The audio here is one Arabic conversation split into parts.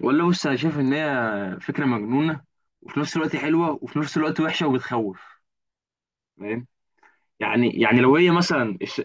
والله بص، انا شايف ان هي فكره مجنونه، وفي نفس الوقت حلوه، وفي نفس الوقت وحشه وبتخوف. فاهم؟ يعني لو هي مثلا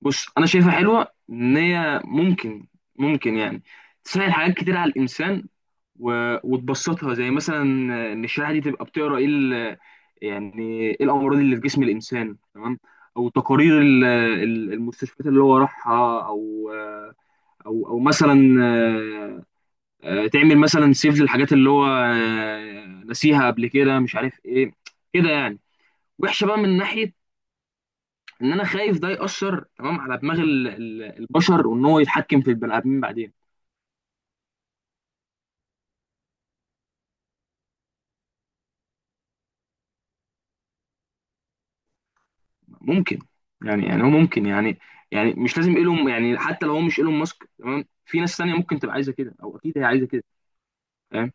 بص، انا شايفها حلوه ان هي ممكن. ممكن تسهل حاجات كتير على الانسان و... وتبسطها، زي مثلا ان الشريحه دي تبقى بتقرا ايه يعني ايه الامراض اللي في جسم الانسان. تمام. او تقارير المستشفيات اللي هو راحها، او مثلا تعمل مثلا سيف للحاجات اللي هو نسيها قبل كده، مش عارف ايه. كده يعني. وحشه بقى من ناحيه ان انا خايف ده يأثر، تمام، على دماغ البشر، وان هو يتحكم في البني ادمين بعدين. ممكن. يعني هو ممكن يعني. يعني مش لازم ايلون، يعني حتى لو هو مش ايلون ماسك، تمام، في ناس تانية ممكن تبقى عايزه كده، او اكيد هي عايزه كده. فاهم؟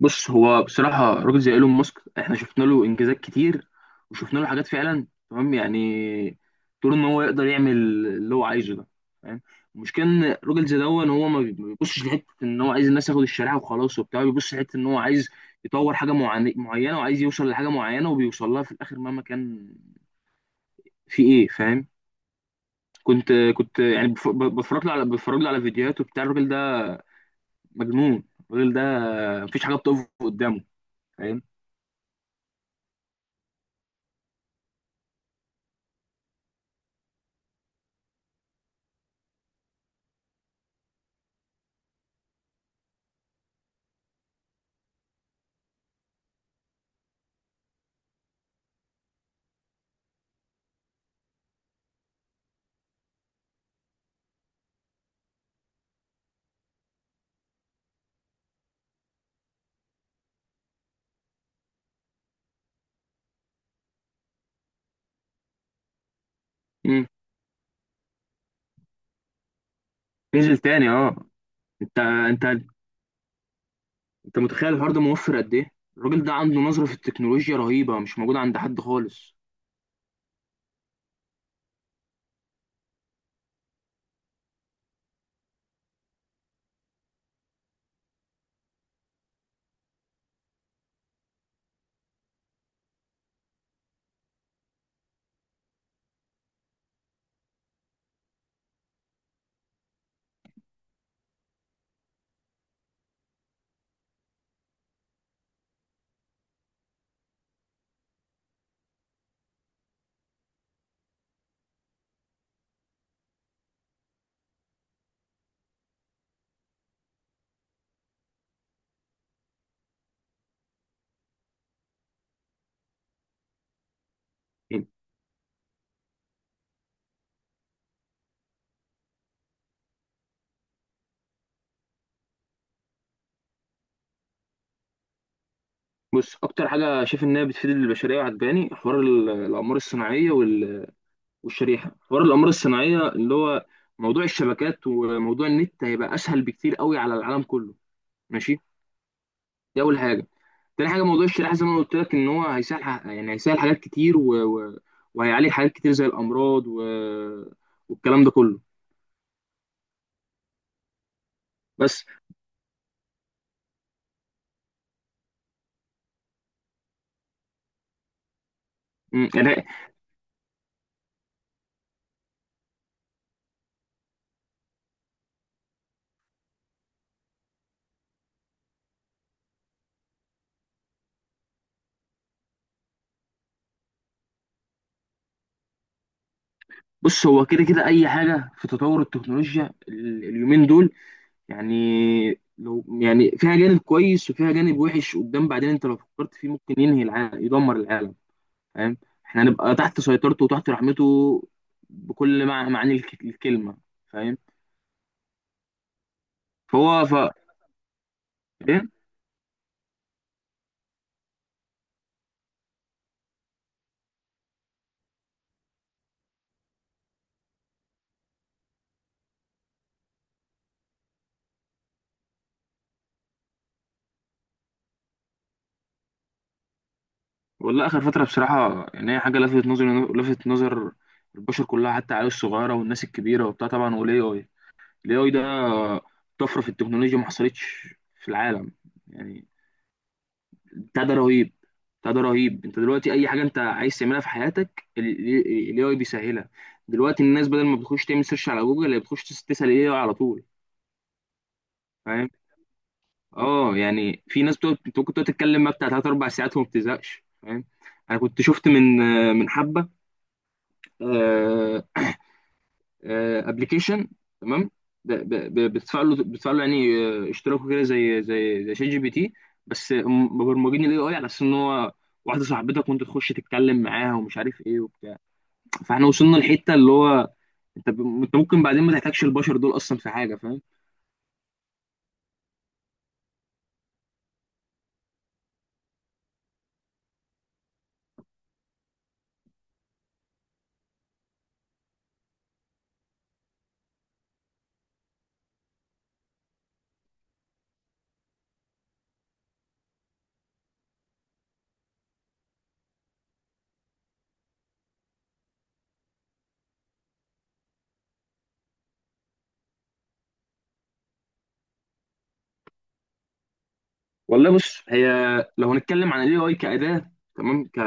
بص، هو بصراحة راجل زي ايلون ماسك احنا شفنا له انجازات كتير، وشفنا له حاجات فعلا، تمام؟ يعني طول ان هو يقدر يعمل اللي هو عايزه ده. فاهم؟ المشكلة ان راجل زي ده، ان هو ما بيبصش لحتة ان هو عايز الناس ياخد الشريعة وخلاص وبتاع. بيبص لحتة ان هو عايز يطور حاجة معينة، وعايز يوصل لحاجة معينة، وبيوصل لها في الاخر مهما كان في ايه. فاهم؟ كنت كنت يعني بتفرج له على فيديوهاته، بتاع الراجل ده. مجنون الراجل ده. مفيش حاجة بتقف قدامه. فاهم؟ مم. نزل تاني، اه. انت انت انت متخيل الحوار ده موفر قد ايه؟ الراجل ده عنده نظرة في التكنولوجيا رهيبة مش موجودة عند حد خالص. يعني بص، اكتر حاجة شايف انها بتفيد البشرية وعجباني حوار الاقمار الصناعية والشريحة. حوار الاقمار الصناعية، اللي هو موضوع الشبكات وموضوع النت، هيبقى اسهل بكتير قوي على العالم كله. ماشي. دي اول حاجة. تاني حاجة، موضوع الشريحة، زي ما انا قلت لك، ان هو هيسهل يعني هيسهل حاجات كتير وهيعالج حاجات كتير زي الامراض والكلام ده كله. بس. يعني بص، هو كده كده اي حاجه في تطور التكنولوجيا اليومين دول، يعني لو يعني فيها جانب كويس وفيها جانب وحش قدام بعدين، انت لو فكرت فيه ممكن ينهي العالم، يدمر العالم. فاهم؟ احنا هنبقى تحت سيطرته وتحت رحمته، بكل معاني الكلمه. فاهم؟ فهو ايه؟ والله اخر فتره بصراحه، يعني هي حاجه لفتت نظر البشر كلها، حتى العيال الصغيره والناس الكبيره وبتاع. طبعا والاي اي. الاي اي ده طفره في التكنولوجيا ما حصلتش في العالم. يعني بتاع ده رهيب. انت دلوقتي اي حاجه انت عايز تعملها في حياتك الاي اي بيسهلها. دلوقتي الناس بدل ما بتخش تعمل سيرش على جوجل، هي بتخش تسال الاي اي على طول. فاهم؟ اه يعني في ناس بتقعد، انت ممكن تقعد تتكلم بقى بتاع ثلاث اربع ساعات وما بتزهقش. فاهم؟ انا كنت شفت من حبه آه، ابلكيشن. تمام. ده بتدفع له، يعني اشتراكه كده، زي ChatGPT، بس هم مبرمجين الاي اي على اساس ان هو واحده صاحبتك، وانت تخش تتكلم معاها ومش عارف ايه وبتاع. فاحنا وصلنا لحته اللي هو انت انت ممكن بعدين ما تحتاجش البشر دول اصلا في حاجه. فاهم؟ والله بص، هي لو هنتكلم عن الاي اي كاداه، تمام،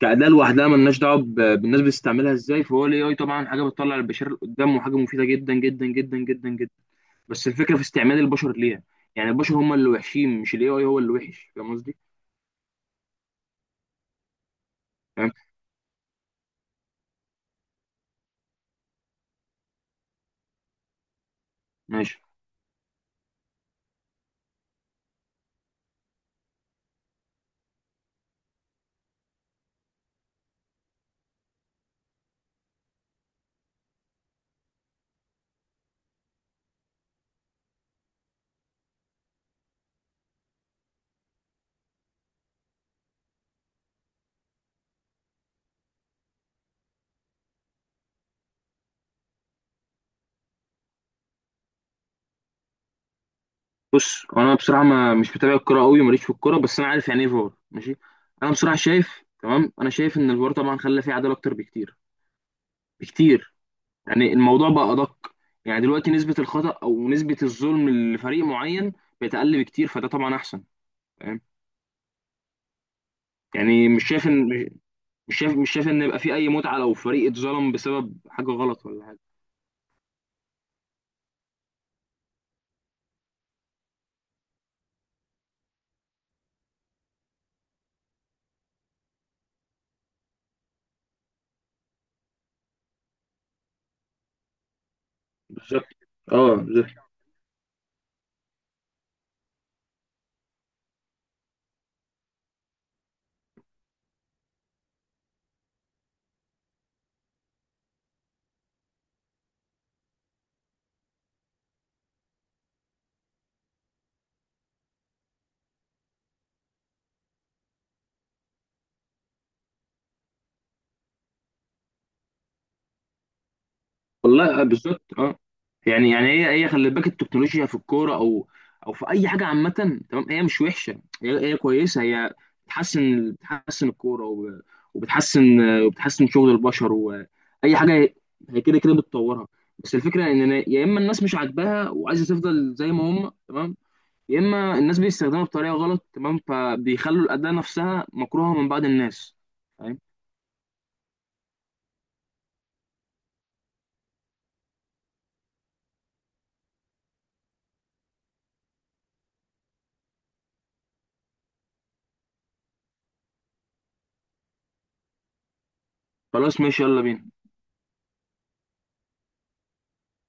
كاداه لوحدها، ملناش دعوه بالناس بتستعملها ازاي. فهو الاي اي طبعا حاجه بتطلع البشر لقدام، وحاجه مفيده جدا جدا جدا جدا جدا. بس الفكره في استعمال البشر ليها. يعني البشر هم اللي وحشين، مش الاي اي هو اللي وحش. فاهم قصدي؟ فاهم. ماشي. بص، انا بصراحه ما مش متابع الكوره قوي، ماليش في الكوره، بس انا عارف يعني ايه فار. ماشي. انا بصراحه شايف، تمام، انا شايف ان الفار طبعا خلى فيه عداله اكتر بكتير بكتير. يعني الموضوع بقى ادق. يعني دلوقتي نسبه الخطا او نسبه الظلم لفريق معين بقت اقل بكتير، فده طبعا احسن. فاهم؟ يعني مش شايف ان يبقى في اي متعه لو فريق اتظلم بسبب حاجه غلط ولا حاجه. بالظبط. اه والله. بالظبط. اه. يعني هي خلي بالك، التكنولوجيا في الكوره او في اي حاجه عامه، تمام. هي مش وحشه، هي كويسه. هي بتحسن الكوره وبتحسن وبتحسن شغل البشر واي حاجه. هي كده كده بتطورها. بس الفكره ان يا اما الناس مش عاجباها وعايزه تفضل زي ما هم، تمام، يا اما الناس بيستخدمها بطريقه غلط، تمام، فبيخلوا الاداه نفسها مكروهه من بعض الناس. فاهم؟ خلاص ماشي، يلا بينا.